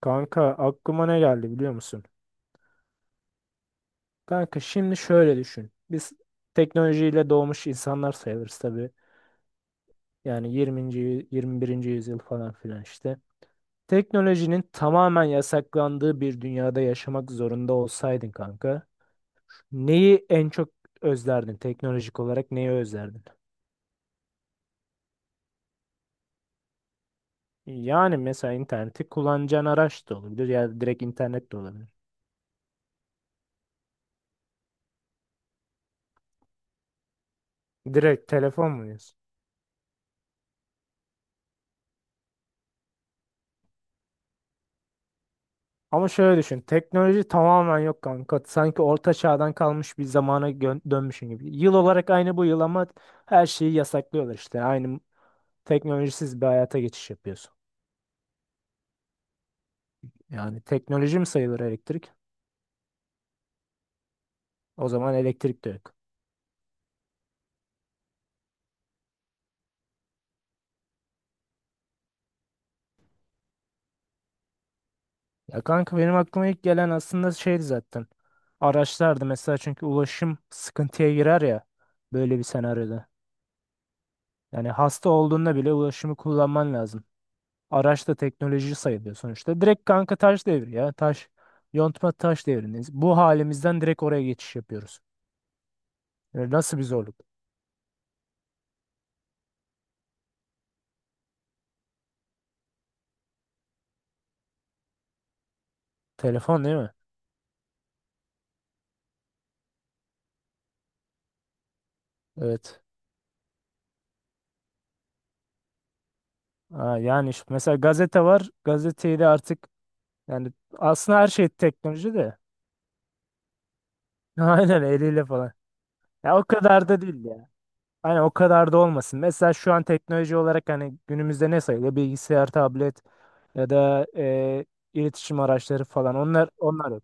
Kanka aklıma ne geldi biliyor musun? Kanka şimdi şöyle düşün. Biz teknolojiyle doğmuş insanlar sayılırız tabii. Yani 21. yüzyıl falan filan işte. Teknolojinin tamamen yasaklandığı bir dünyada yaşamak zorunda olsaydın kanka, neyi en çok özlerdin? Teknolojik olarak neyi özlerdin? Yani mesela interneti kullanacağın araç da olabilir ya da direkt internet de olabilir. Direkt telefon mu diyorsun? Ama şöyle düşün. Teknoloji tamamen yok kanka. Sanki orta çağdan kalmış bir zamana dönmüşün gibi. Yıl olarak aynı bu yıl ama her şeyi yasaklıyorlar işte. Aynı teknolojisiz bir hayata geçiş yapıyorsun. Yani teknoloji mi sayılır elektrik? O zaman elektrik de yok. Ya kanka benim aklıma ilk gelen aslında şeydi zaten. Araçlardı mesela çünkü ulaşım sıkıntıya girer ya böyle bir senaryoda. Yani hasta olduğunda bile ulaşımı kullanman lazım. Araç da teknoloji sayılıyor sonuçta. Direkt kanka taş devri ya. Taş, yontma taş devrindeyiz. Bu halimizden direkt oraya geçiş yapıyoruz. Yani nasıl bir zorluk? Telefon değil mi? Evet. Ha, yani işte mesela gazete var. Gazeteyi de artık yani aslında her şey teknoloji de. Aynen eliyle falan. Ya o kadar da değil ya. Hani o kadar da olmasın. Mesela şu an teknoloji olarak hani günümüzde ne sayılıyor? Bilgisayar, tablet ya da iletişim araçları falan. Onlar.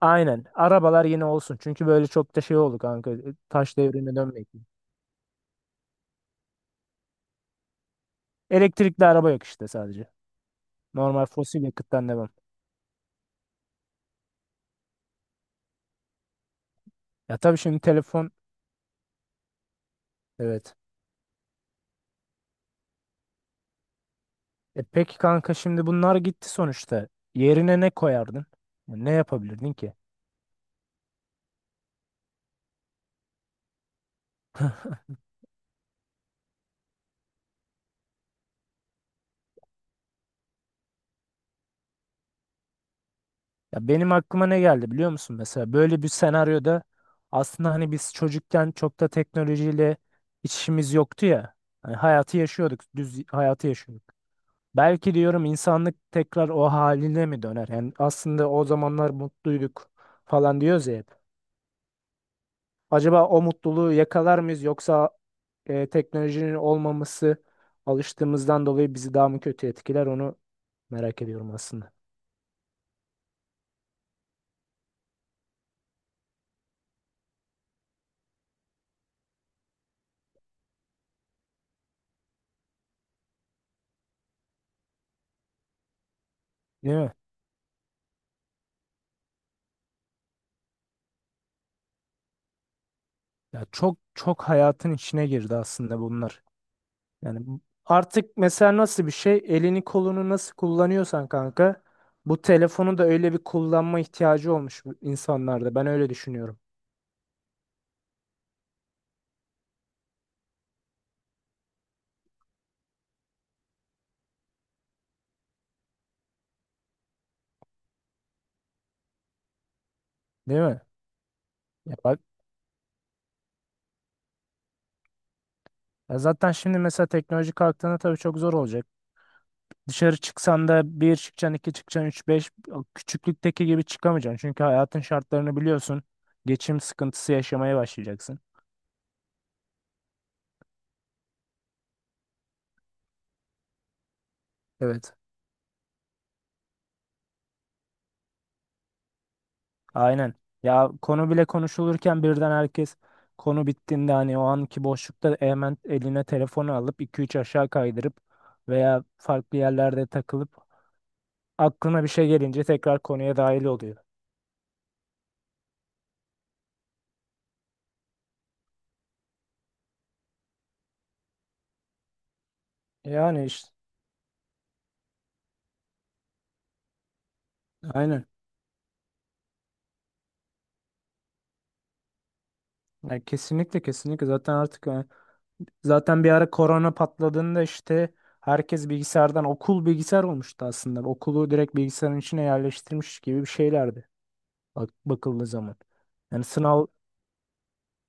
Aynen. Arabalar yine olsun. Çünkü böyle çok da şey oldu kanka. Taş devrine dönmek. Elektrikli araba yok işte sadece. Normal fosil yakıttan devam. Ya tabii şimdi telefon. Evet. E peki kanka şimdi bunlar gitti sonuçta. Yerine ne koyardın? Ya ne yapabilirdin ki? Ya benim aklıma ne geldi biliyor musun? Mesela böyle bir senaryoda aslında hani biz çocukken çok da teknolojiyle iç işimiz yoktu ya. Hani hayatı yaşıyorduk. Düz hayatı yaşıyorduk. Belki diyorum insanlık tekrar o haline mi döner? Yani aslında o zamanlar mutluyduk falan diyoruz ya hep. Acaba o mutluluğu yakalar mıyız yoksa teknolojinin olmaması alıştığımızdan dolayı bizi daha mı kötü etkiler onu merak ediyorum aslında. Değil mi? Ya çok çok hayatın içine girdi aslında bunlar. Yani artık mesela nasıl bir şey elini kolunu nasıl kullanıyorsan kanka bu telefonu da öyle bir kullanma ihtiyacı olmuş bu insanlarda. Ben öyle düşünüyorum. Değil mi? Ya bak, ya zaten şimdi mesela teknoloji kalktığında tabii çok zor olacak. Dışarı çıksan da bir çıkacaksın, iki çıkacaksın, üç, beş o küçüklükteki gibi çıkamayacaksın. Çünkü hayatın şartlarını biliyorsun. Geçim sıkıntısı yaşamaya başlayacaksın. Evet. Aynen. Ya konu bile konuşulurken birden herkes konu bittiğinde hani o anki boşlukta hemen eline telefonu alıp iki üç aşağı kaydırıp veya farklı yerlerde takılıp aklına bir şey gelince tekrar konuya dahil oluyor. Yani işte aynen. Ya kesinlikle zaten artık yani zaten bir ara korona patladığında işte herkes bilgisayardan okul bilgisayar olmuştu aslında. Okulu direkt bilgisayarın içine yerleştirmiş gibi bir şeylerdi bakıldığı zaman. Yani sınav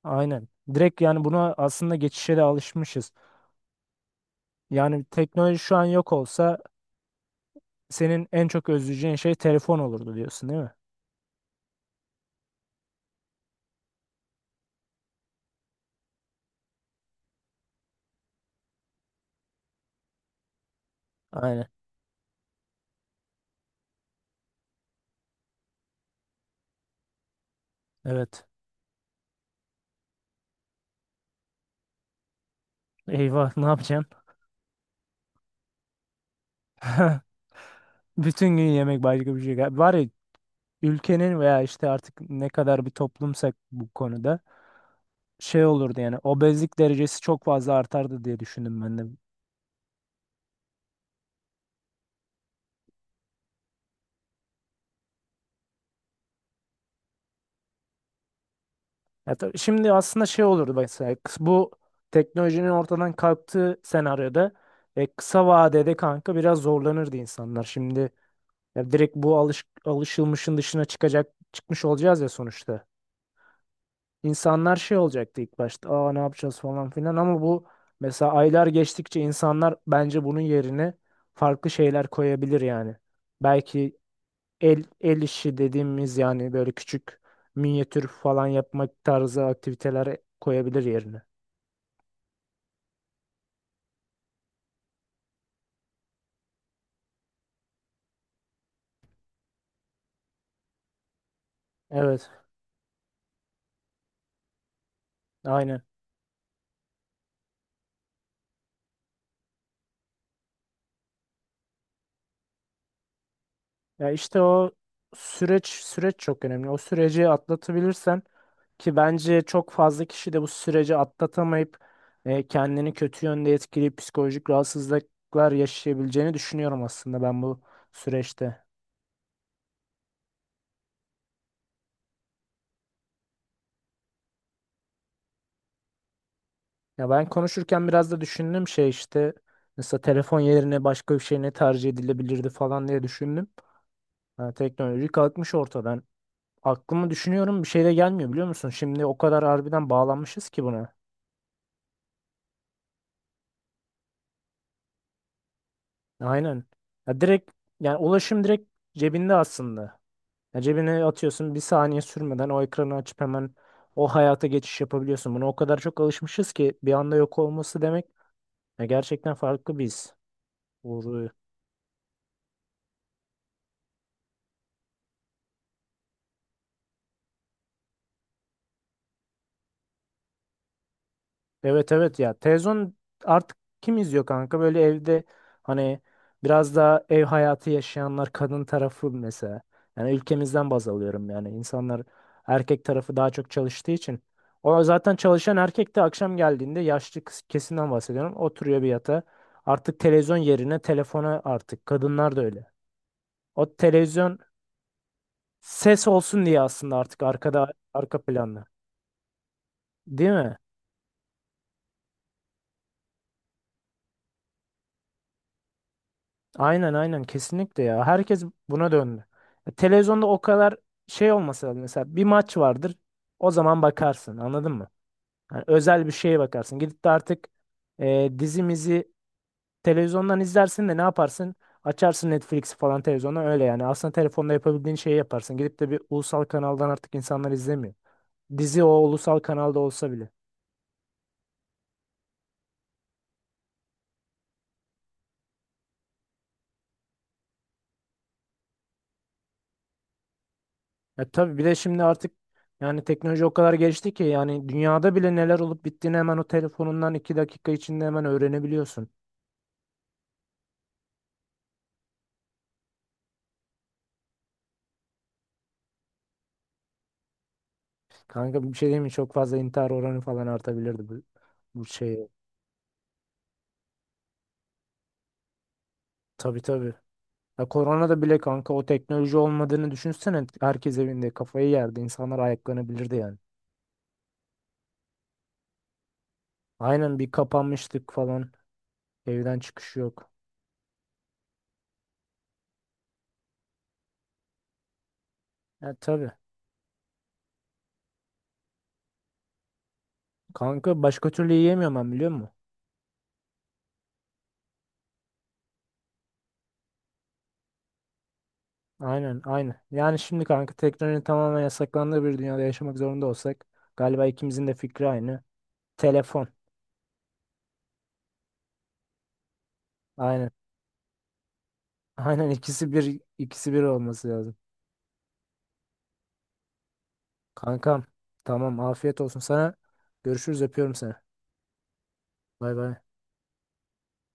aynen. Direkt yani buna aslında geçişe de alışmışız. Yani teknoloji şu an yok olsa senin en çok özleyeceğin şey telefon olurdu diyorsun değil mi? Aynen. Evet. Eyvah ne yapacaksın? Bütün gün yemek başka bir şey. Var ya, ülkenin veya işte artık ne kadar bir toplumsak bu konuda şey olurdu yani obezlik derecesi çok fazla artardı diye düşündüm ben de. Ya tabii şimdi aslında şey olurdu mesela bu teknolojinin ortadan kalktığı senaryoda kısa vadede kanka biraz zorlanırdı insanlar. Şimdi ya direkt bu alışılmışın dışına çıkmış olacağız ya sonuçta. İnsanlar şey olacaktı ilk başta. Aa ne yapacağız falan filan ama bu mesela aylar geçtikçe insanlar bence bunun yerine farklı şeyler koyabilir yani. Belki el işi dediğimiz yani böyle küçük minyatür falan yapmak tarzı aktiviteler koyabilir yerine. Evet, aynen. Ya işte o süreç çok önemli. O süreci atlatabilirsen ki bence çok fazla kişi de bu süreci atlatamayıp kendini kötü yönde etkileyip psikolojik rahatsızlıklar yaşayabileceğini düşünüyorum aslında ben bu süreçte. Ya ben konuşurken biraz da düşündüm şey işte mesela telefon yerine başka bir şey ne tercih edilebilirdi falan diye düşündüm. Ha, teknoloji kalkmış ortadan. Aklımı düşünüyorum bir şey de gelmiyor biliyor musun? Şimdi o kadar harbiden bağlanmışız ki buna. Aynen. Ya direkt yani ulaşım direkt cebinde aslında. Ya cebine atıyorsun bir saniye sürmeden o ekranı açıp hemen o hayata geçiş yapabiliyorsun. Buna o kadar çok alışmışız ki bir anda yok olması demek ya gerçekten farklı bir his. Bu evet evet ya televizyon artık kim izliyor kanka böyle evde hani biraz daha ev hayatı yaşayanlar kadın tarafı mesela yani ülkemizden baz alıyorum yani insanlar erkek tarafı daha çok çalıştığı için o zaten çalışan erkek de akşam geldiğinde yaşlı kesimden bahsediyorum oturuyor bir yatağa artık televizyon yerine telefona artık kadınlar da öyle o televizyon ses olsun diye aslında artık arka planda değil mi? Aynen aynen kesinlikle ya. Herkes buna döndü. Ya Televizyonda o kadar şey olmasa da mesela bir maç vardır. O zaman bakarsın anladın mı? Yani özel bir şeye bakarsın. Gidip de artık e, dizimizi televizyondan izlersin de ne yaparsın? Açarsın Netflix'i falan televizyondan öyle yani. Aslında telefonda yapabildiğin şeyi yaparsın. Gidip de bir ulusal kanaldan artık insanlar izlemiyor. Dizi o ulusal kanalda olsa bile. E tabii bir de şimdi artık yani teknoloji o kadar gelişti ki yani dünyada bile neler olup bittiğini hemen o telefonundan iki dakika içinde hemen öğrenebiliyorsun. Kanka bir şey diyeyim mi? Çok fazla intihar oranı falan artabilirdi bu şey. Tabii tabii. Ya koronada bile kanka o teknoloji olmadığını düşünsene. Herkes evinde kafayı yerdi. İnsanlar ayaklanabilirdi yani. Aynen bir kapanmıştık falan. Evden çıkış yok. Ya tabii. Kanka başka türlü yiyemiyorum ben biliyor musun? Aynen, aynen. Yani şimdi kanka teknolojinin tamamen yasaklandığı bir dünyada yaşamak zorunda olsak galiba ikimizin de fikri aynı. Telefon. Aynen. Aynen ikisi bir olması lazım. Kankam tamam afiyet olsun sana. Görüşürüz öpüyorum seni. Bay bay.